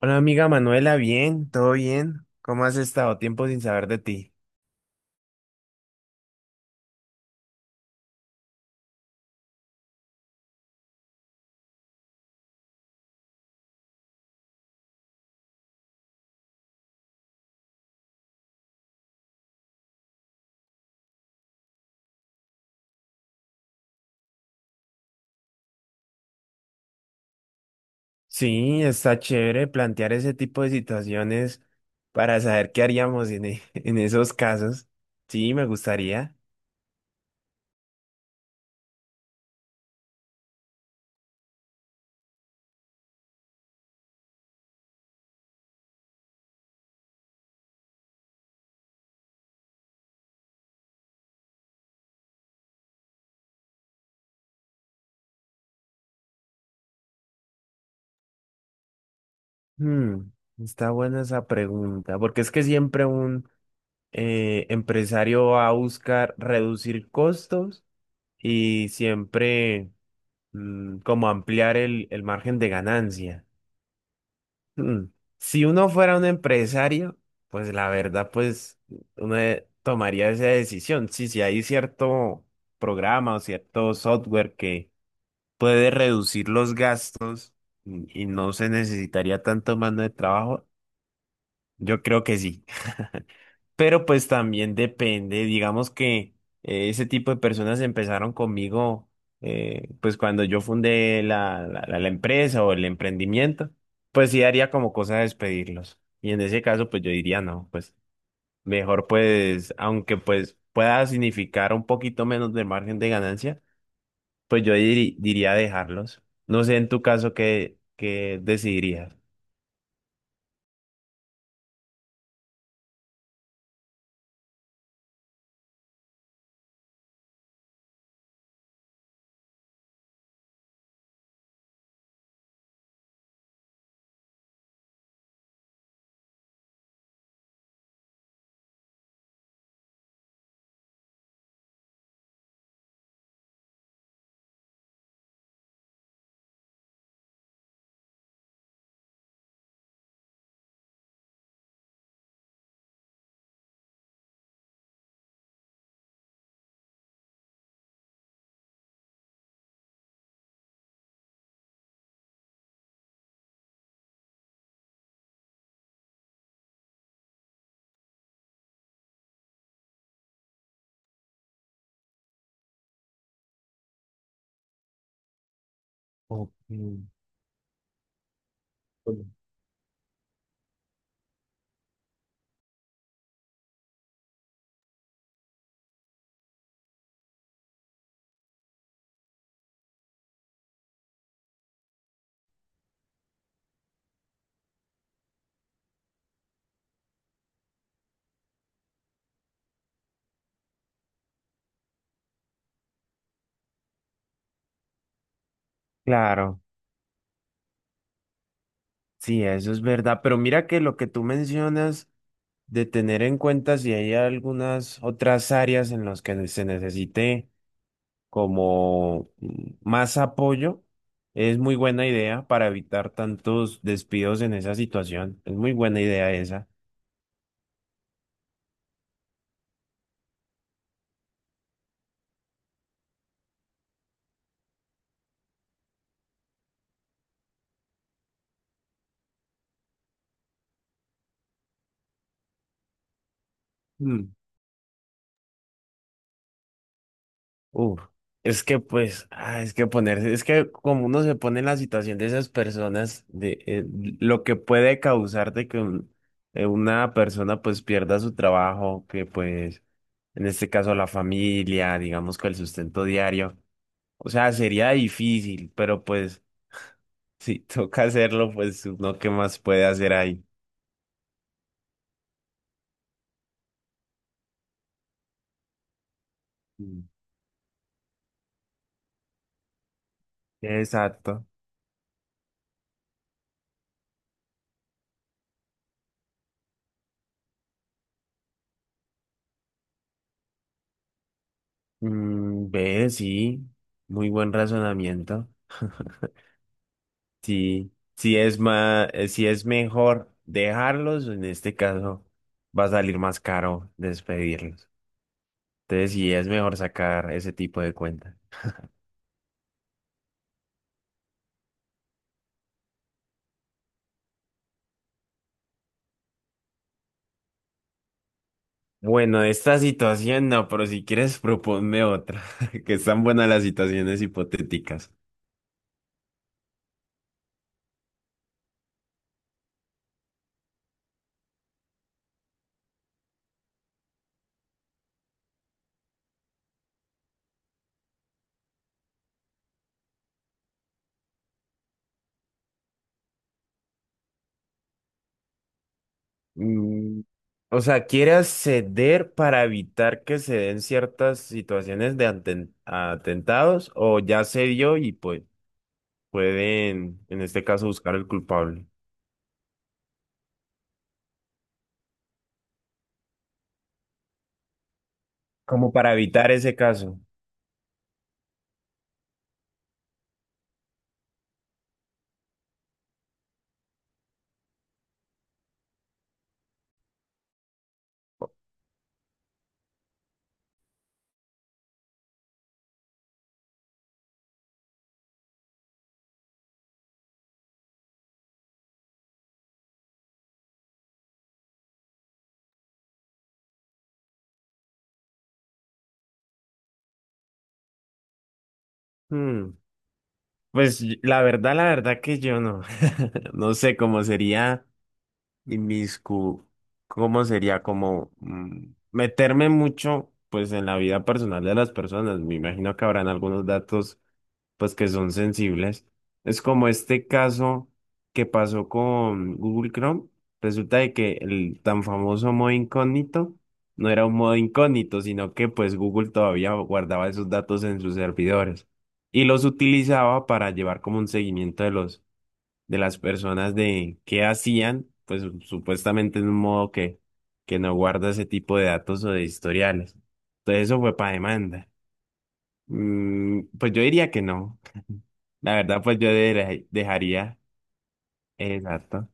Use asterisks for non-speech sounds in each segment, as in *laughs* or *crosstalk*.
Hola amiga Manuela, bien, todo bien. ¿Cómo has estado? Tiempo sin saber de ti. Sí, está chévere plantear ese tipo de situaciones para saber qué haríamos en, *laughs* en esos casos. Sí, me gustaría. Hmm, está buena esa pregunta, porque es que siempre un empresario va a buscar reducir costos y siempre como ampliar el margen de ganancia. Hmm. Si uno fuera un empresario, pues la verdad, pues uno tomaría esa decisión. Sí, si hay cierto programa o cierto software que puede reducir los gastos y no se necesitaría tanto mano de trabajo, yo creo que sí. Pero pues también depende, digamos que ese tipo de personas empezaron conmigo pues cuando yo fundé la empresa o el emprendimiento, pues sí haría como cosa despedirlos. Y en ese caso pues yo diría no, pues mejor pues aunque pues pueda significar un poquito menos de margen de ganancia, pues yo diría dejarlos. No sé en tu caso qué, qué decidirías. Ok, bueno. Claro, sí, eso es verdad, pero mira que lo que tú mencionas de tener en cuenta si hay algunas otras áreas en las que se necesite como más apoyo, es muy buena idea para evitar tantos despidos en esa situación. Es muy buena idea esa. Uf, es que pues, ah, es que ponerse, es que como uno se pone en la situación de esas personas, de lo que puede causar de que una persona pues pierda su trabajo, que pues en este caso la familia, digamos que el sustento diario, o sea, sería difícil, pero pues *laughs* si toca hacerlo, pues uno qué más puede hacer ahí. Mm. Exacto. Mm, ve, sí, muy buen razonamiento. Sí, sí es más, si es mejor dejarlos, en este caso va a salir más caro despedirlos. Entonces sí es mejor sacar ese tipo de cuentas. Bueno, de esta situación no, pero si quieres proponme otra, *laughs* que están buenas las situaciones hipotéticas. Mm, o sea, ¿quieres ceder para evitar que se den ciertas situaciones de atentados o ya se dio y pues pueden, en este caso, buscar el culpable? Como para evitar ese caso. Hmm, pues la verdad que yo no, *laughs* no sé cómo sería. Inmiscu, ¿cómo sería? Como meterme mucho, pues, en la vida personal de las personas. Me imagino que habrán algunos datos, pues, que son sensibles. Es como este caso que pasó con Google Chrome. Resulta de que el tan famoso modo incógnito no era un modo incógnito, sino que, pues, Google todavía guardaba esos datos en sus servidores y los utilizaba para llevar como un seguimiento de los de las personas de qué hacían, pues supuestamente en un modo que no guarda ese tipo de datos o de historiales. Entonces eso fue para demanda. Mm, pues yo diría que no. *laughs* La verdad, pues yo dejaría. Exacto.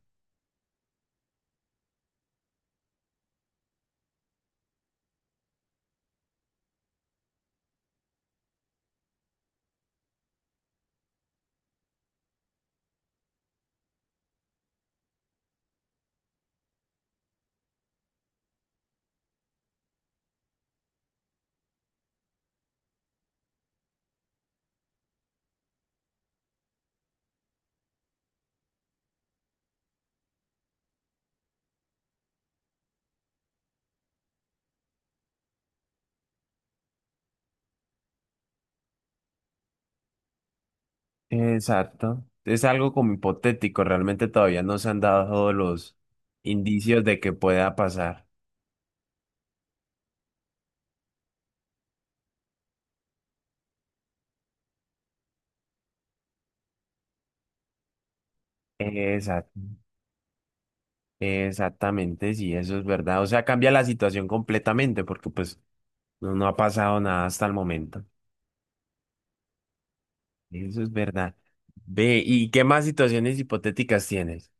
Exacto. Es algo como hipotético. Realmente todavía no se han dado todos los indicios de que pueda pasar. Exacto. Exactamente, sí, eso es verdad. O sea, cambia la situación completamente porque pues no, no ha pasado nada hasta el momento. Eso es verdad. Ve, ¿y qué más situaciones hipotéticas tienes?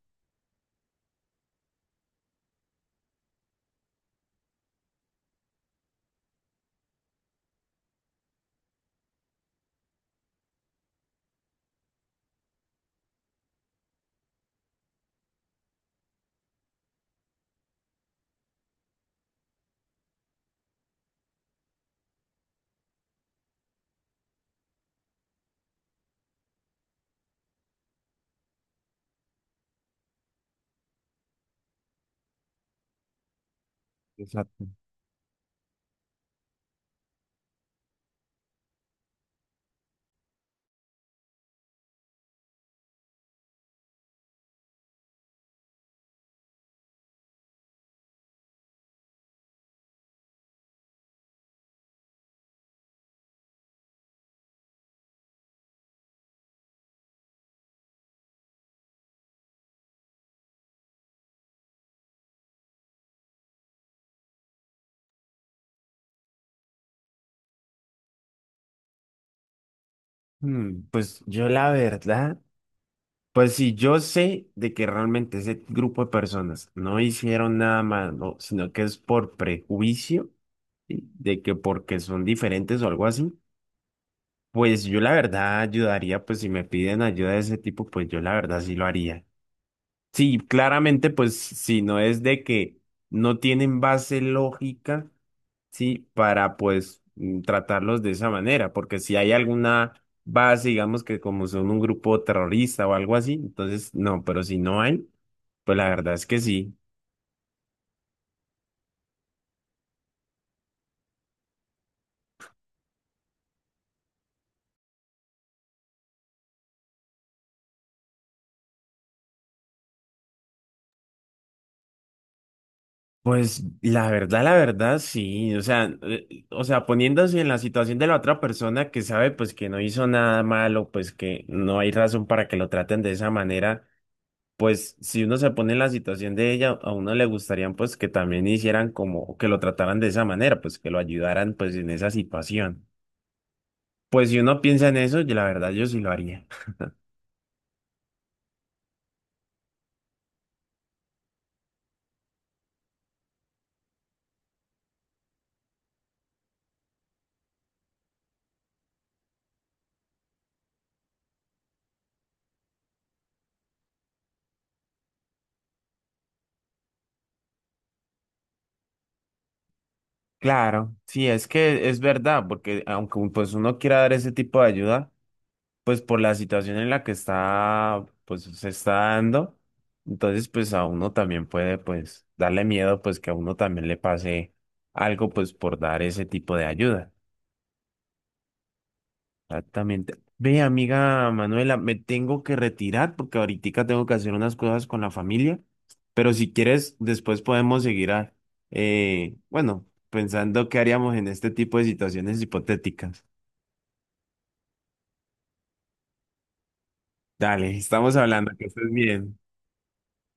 Exacto. Mm, pues yo la verdad, pues si yo sé de que realmente ese grupo de personas no hicieron nada malo, sino que es por prejuicio, ¿sí? De que porque son diferentes o algo así, pues yo la verdad ayudaría, pues si me piden ayuda de ese tipo, pues yo la verdad sí lo haría. Sí, claramente, pues si no es de que no tienen base lógica, sí, para pues tratarlos de esa manera, porque si hay alguna base, digamos que como son un grupo terrorista o algo así, entonces no, pero si no hay, pues la verdad es que sí. Pues la verdad, sí, o sea, poniéndose en la situación de la otra persona que sabe pues que no hizo nada malo, pues que no hay razón para que lo traten de esa manera, pues si uno se pone en la situación de ella, a uno le gustarían pues que también hicieran como, que lo trataran de esa manera, pues que lo ayudaran pues en esa situación. Pues si uno piensa en eso, yo, la verdad yo sí lo haría. Claro, sí, es que es verdad, porque aunque pues uno quiera dar ese tipo de ayuda, pues por la situación en la que está, pues se está dando, entonces pues a uno también puede pues darle miedo pues que a uno también le pase algo pues por dar ese tipo de ayuda. Exactamente. Ve, amiga Manuela, me tengo que retirar porque ahorita tengo que hacer unas cosas con la familia, pero si quieres, después podemos seguir a, bueno, pensando qué haríamos en este tipo de situaciones hipotéticas. Dale, estamos hablando, que estés bien.